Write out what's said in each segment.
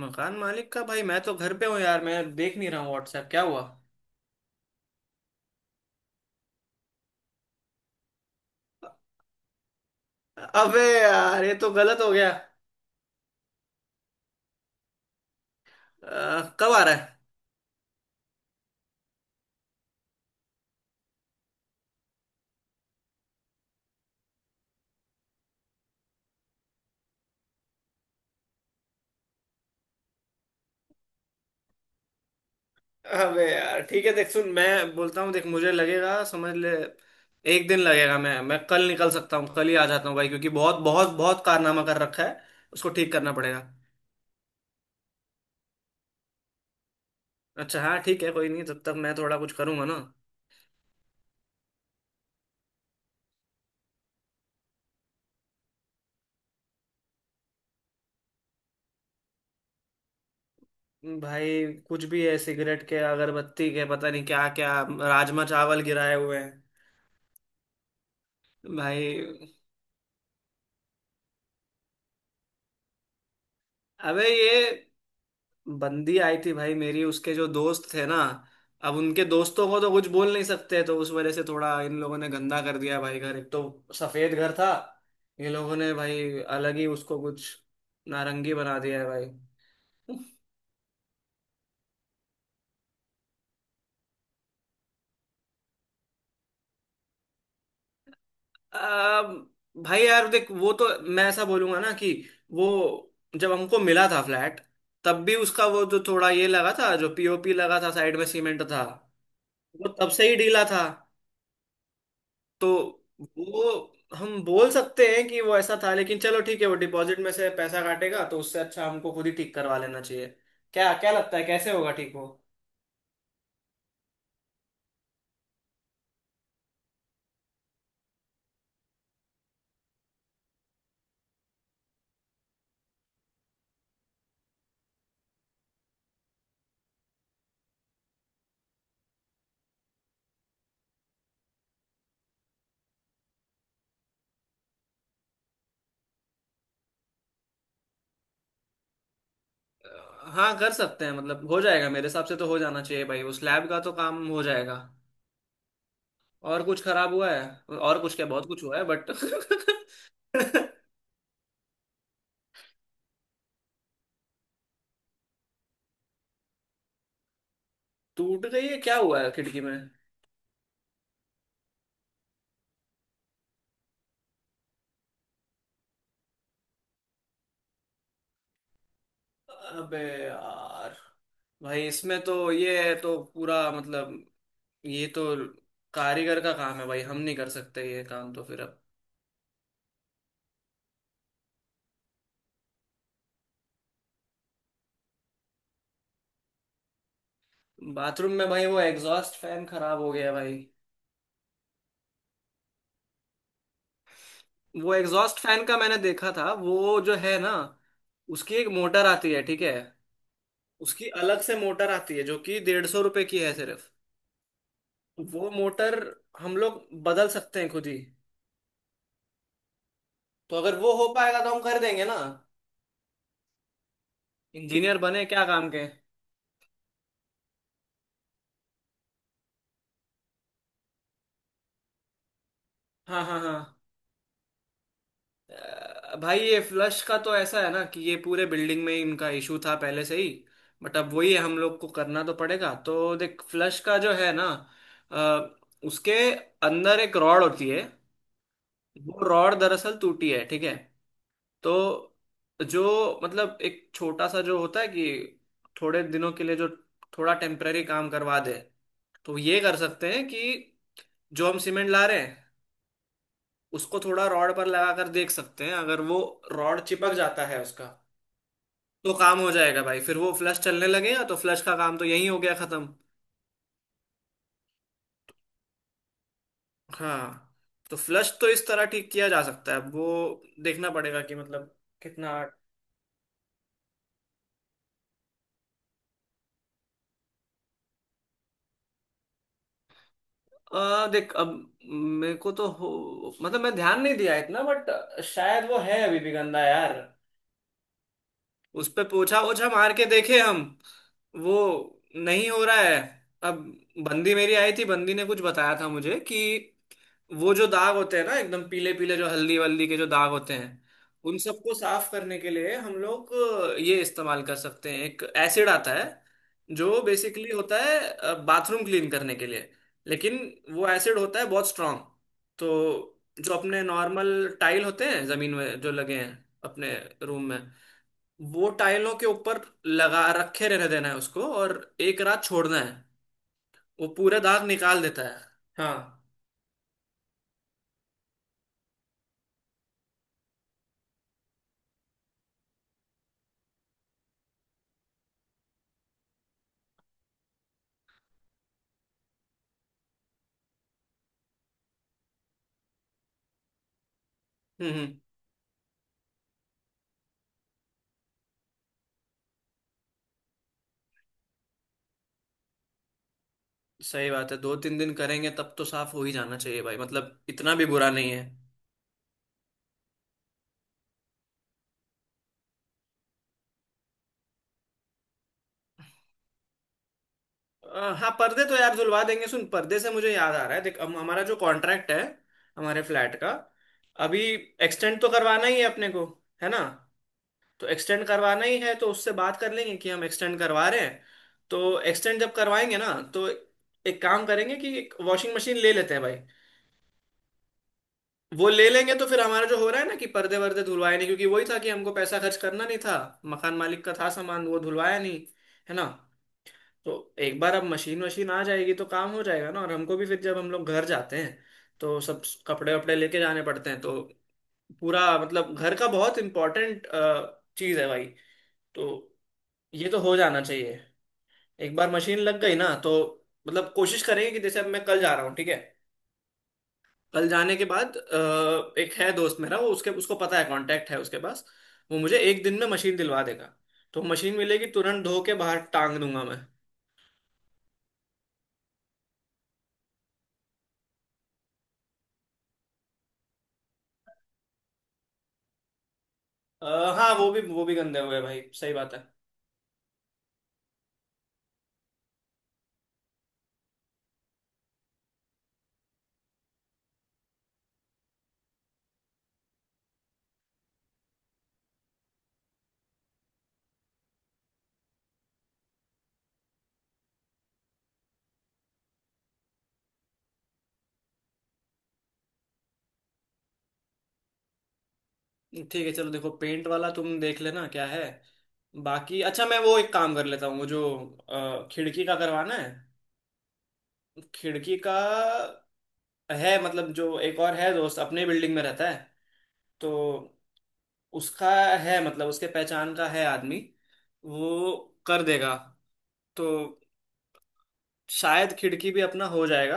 मकान मालिक का भाई मैं तो घर पे हूँ यार। मैं देख नहीं रहा हूँ व्हाट्सएप। क्या हुआ? अबे यार ये तो गलत हो गया। कब आ रहा है? अबे यार ठीक है। देख सुन मैं बोलता हूँ, देख मुझे लगेगा समझ ले। एक दिन लगेगा। मैं कल निकल सकता हूँ, कल ही आ जाता हूँ भाई, क्योंकि बहुत बहुत बहुत कारनामा कर रखा है। उसको ठीक करना पड़ेगा। अच्छा हाँ ठीक है, कोई नहीं, तब तक मैं थोड़ा कुछ करूंगा ना। भाई कुछ भी है, सिगरेट के, अगरबत्ती के, पता नहीं क्या क्या, राजमा चावल गिराए हुए हैं भाई। अबे ये बंदी आई थी भाई मेरी, उसके जो दोस्त थे ना, अब उनके दोस्तों को तो कुछ बोल नहीं सकते, तो उस वजह से थोड़ा इन लोगों ने गंदा कर दिया भाई घर। एक तो सफेद घर था, ये लोगों ने भाई अलग ही उसको कुछ नारंगी बना दिया है भाई। अब भाई यार देख, वो तो मैं ऐसा बोलूंगा ना कि वो जब हमको मिला था फ्लैट, तब भी उसका वो जो थोड़ा ये लगा था, जो पीओपी लगा था, साइड में सीमेंट था, वो तब से ही ढीला था। तो वो हम बोल सकते हैं कि वो ऐसा था, लेकिन चलो ठीक है, वो डिपॉजिट में से पैसा काटेगा, तो उससे अच्छा हमको खुद ही ठीक करवा लेना चाहिए। क्या क्या लगता है कैसे होगा ठीक वो? अ, हाँ कर सकते हैं, मतलब हो जाएगा मेरे हिसाब से, तो हो जाना चाहिए भाई। उस लैब का तो काम हो जाएगा। और कुछ खराब हुआ है, और कुछ क्या, बहुत कुछ हुआ है बट टूट गई है? क्या हुआ है खिड़की में? अबे यार। भाई इसमें तो ये तो पूरा मतलब ये तो कारीगर का काम है भाई, हम नहीं कर सकते ये काम, तो फिर अब। बाथरूम में भाई वो एग्जॉस्ट फैन खराब हो गया भाई। वो एग्जॉस्ट फैन का मैंने देखा था, वो जो है ना, उसकी एक मोटर आती है, ठीक है? उसकी अलग से मोटर आती है, जो कि 150 रुपए की है सिर्फ। वो मोटर हम लोग बदल सकते हैं खुद ही। तो अगर वो हो पाएगा तो हम कर देंगे ना। इंजीनियर बने क्या काम के। हाँ हाँ हाँ। भाई ये फ्लश का तो ऐसा है ना कि ये पूरे बिल्डिंग में इनका इशू था पहले से ही। बट अब वही है, हम लोग को करना तो पड़ेगा। तो देख फ्लश का जो है ना, अ, उसके अंदर एक रॉड होती है। वो रॉड दरअसल टूटी है, ठीक है? तो जो मतलब एक छोटा सा जो होता है कि थोड़े दिनों के लिए जो थोड़ा टेम्पररी काम करवा दे, तो ये कर सकते हैं कि जो हम सीमेंट ला रहे हैं, उसको थोड़ा रॉड पर लगा कर देख सकते हैं। अगर वो रॉड चिपक जाता है उसका, तो काम हो जाएगा भाई, फिर वो फ्लश चलने लगेगा। तो फ्लश का काम तो यही हो गया खत्म। हाँ तो फ्लश तो इस तरह ठीक किया जा सकता है। अब वो देखना पड़ेगा कि मतलब कितना। देख अब मेरे को तो हो, मतलब मैं ध्यान नहीं दिया इतना, बट शायद वो है अभी भी गंदा यार। उस पे पोछा ओछा मार के देखे हम, वो नहीं हो रहा है। अब बंदी मेरी आई थी, बंदी ने कुछ बताया था मुझे कि वो जो दाग होते हैं ना एकदम पीले पीले, जो हल्दी वल्दी के जो दाग होते हैं, उन सबको साफ करने के लिए हम लोग ये इस्तेमाल कर सकते हैं। एक एसिड आता है जो बेसिकली होता है बाथरूम क्लीन करने के लिए, लेकिन वो एसिड होता है बहुत स्ट्रांग। तो जो अपने नॉर्मल टाइल होते हैं जमीन में जो लगे हैं, अपने रूम में, वो टाइलों के ऊपर लगा रखे रहने देना है उसको, और एक रात छोड़ना है। वो पूरे दाग निकाल देता है। हाँ। हम्म। सही बात है, दो तीन दिन करेंगे तब तो साफ हो ही जाना चाहिए भाई, मतलब इतना भी बुरा नहीं है। हाँ पर्दे तो यार धुलवा देंगे। सुन, पर्दे से मुझे याद आ रहा है, देख हम हमारा जो कॉन्ट्रैक्ट है हमारे फ्लैट का, अभी एक्सटेंड तो करवाना ही है अपने को, है ना? तो एक्सटेंड करवाना ही है, तो उससे बात कर लेंगे कि हम एक्सटेंड करवा रहे हैं। तो एक्सटेंड जब करवाएंगे ना, तो एक काम करेंगे कि एक वॉशिंग मशीन ले लेते हैं भाई। वो ले लेंगे तो फिर हमारा जो हो रहा है ना कि पर्दे वर्दे धुलवाए नहीं, क्योंकि वही था कि हमको पैसा खर्च करना नहीं था, मकान मालिक का था सामान, वो धुलवाया नहीं, है ना? तो एक बार अब मशीन वशीन आ जाएगी तो काम हो जाएगा ना, और हमको भी फिर जब हम लोग घर जाते हैं तो सब कपड़े वपड़े लेके जाने पड़ते हैं। तो पूरा मतलब घर का बहुत इम्पोर्टेंट चीज़ है भाई। तो ये तो हो जाना चाहिए। एक बार मशीन लग गई ना तो मतलब कोशिश करेंगे कि, जैसे अब मैं कल जा रहा हूँ ठीक है, कल जाने के बाद एक है दोस्त मेरा, वो उसके उसको पता है, कांटेक्ट है उसके पास, वो मुझे एक दिन में मशीन दिलवा देगा। तो मशीन मिलेगी तुरंत, धो के बाहर टांग दूंगा मैं। हाँ वो भी गंदे हुए भाई, सही बात है। ठीक है चलो, देखो पेंट वाला तुम देख लेना क्या है। बाकी अच्छा मैं वो एक काम कर लेता हूँ, वो जो खिड़की का करवाना है। खिड़की का है मतलब, जो एक और है दोस्त अपने बिल्डिंग में रहता है, तो उसका है मतलब उसके पहचान का है आदमी, वो कर देगा। तो शायद खिड़की भी अपना हो जाएगा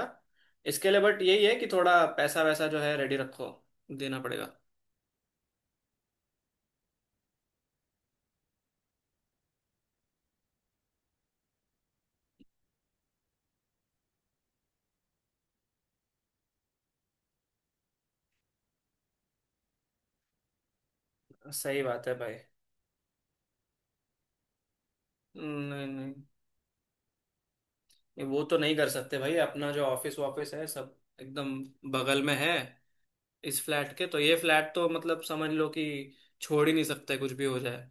इसके लिए, बट यही है कि थोड़ा पैसा वैसा जो है रेडी रखो। देना पड़ेगा, सही बात है भाई। नहीं नहीं वो तो नहीं कर सकते भाई, अपना जो ऑफिस वॉफिस है सब एकदम बगल में है इस फ्लैट के। तो ये फ्लैट तो मतलब समझ लो कि छोड़ ही नहीं सकते, कुछ भी हो जाए।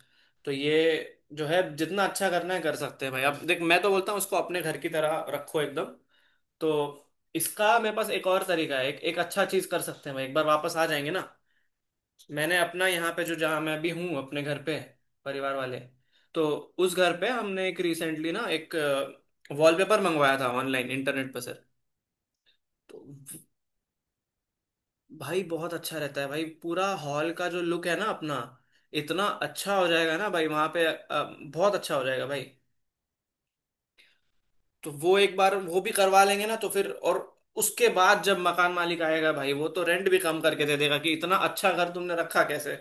तो ये जो है जितना अच्छा करना है कर सकते हैं भाई। अब देख मैं तो बोलता हूँ उसको अपने घर की तरह रखो एकदम। तो इसका मेरे पास एक और तरीका है, एक एक अच्छा चीज कर सकते हैं भाई, एक बार वापस आ जाएंगे ना। मैंने अपना यहाँ पे, जो जहाँ मैं अभी हूँ अपने घर पे, परिवार वाले, तो उस घर पे हमने एक रिसेंटली ना एक वॉलपेपर मंगवाया था ऑनलाइन इंटरनेट पर सर। तो भाई बहुत अच्छा रहता है भाई, पूरा हॉल का जो लुक है ना अपना, इतना अच्छा हो जाएगा ना भाई। वहाँ पे बहुत अच्छा हो जाएगा भाई। तो वो एक बार वो भी करवा लेंगे ना, तो फिर और उसके बाद जब मकान मालिक आएगा भाई, वो तो रेंट भी कम करके दे देगा कि इतना अच्छा घर तुमने रखा कैसे।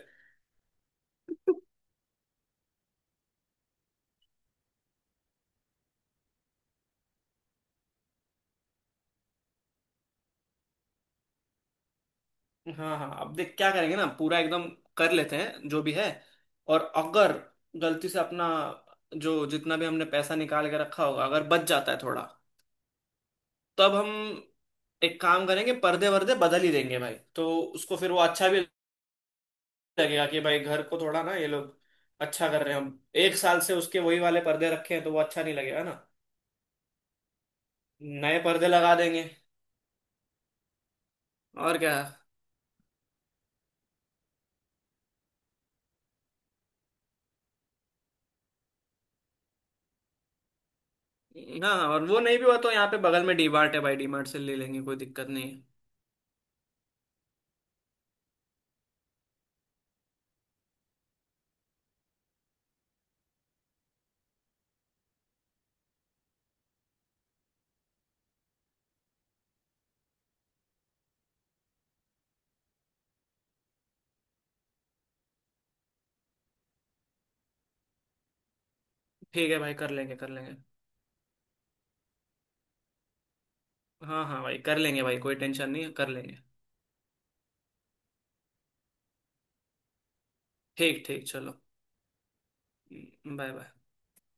हाँ हाँ अब देख क्या करेंगे ना, पूरा एकदम कर लेते हैं जो भी है। और अगर गलती से अपना जो जितना भी हमने पैसा निकाल के रखा होगा अगर बच जाता है थोड़ा, तब हम एक काम करेंगे, पर्दे वर्दे बदल ही देंगे भाई। तो उसको फिर वो अच्छा भी लगेगा कि भाई घर को थोड़ा ना ये लोग अच्छा कर रहे हैं। हम एक साल से उसके वही वाले पर्दे रखे हैं, तो वो अच्छा नहीं लगेगा ना। नए पर्दे लगा देंगे और क्या। हाँ और वो नहीं भी हुआ तो यहाँ पे बगल में डी मार्ट है भाई, डी मार्ट से ले लेंगे, कोई दिक्कत नहीं है। ठीक है भाई, कर लेंगे कर लेंगे। हाँ हाँ भाई कर लेंगे भाई, कोई टेंशन नहीं है, कर लेंगे। ठीक ठीक चलो। Bye bye.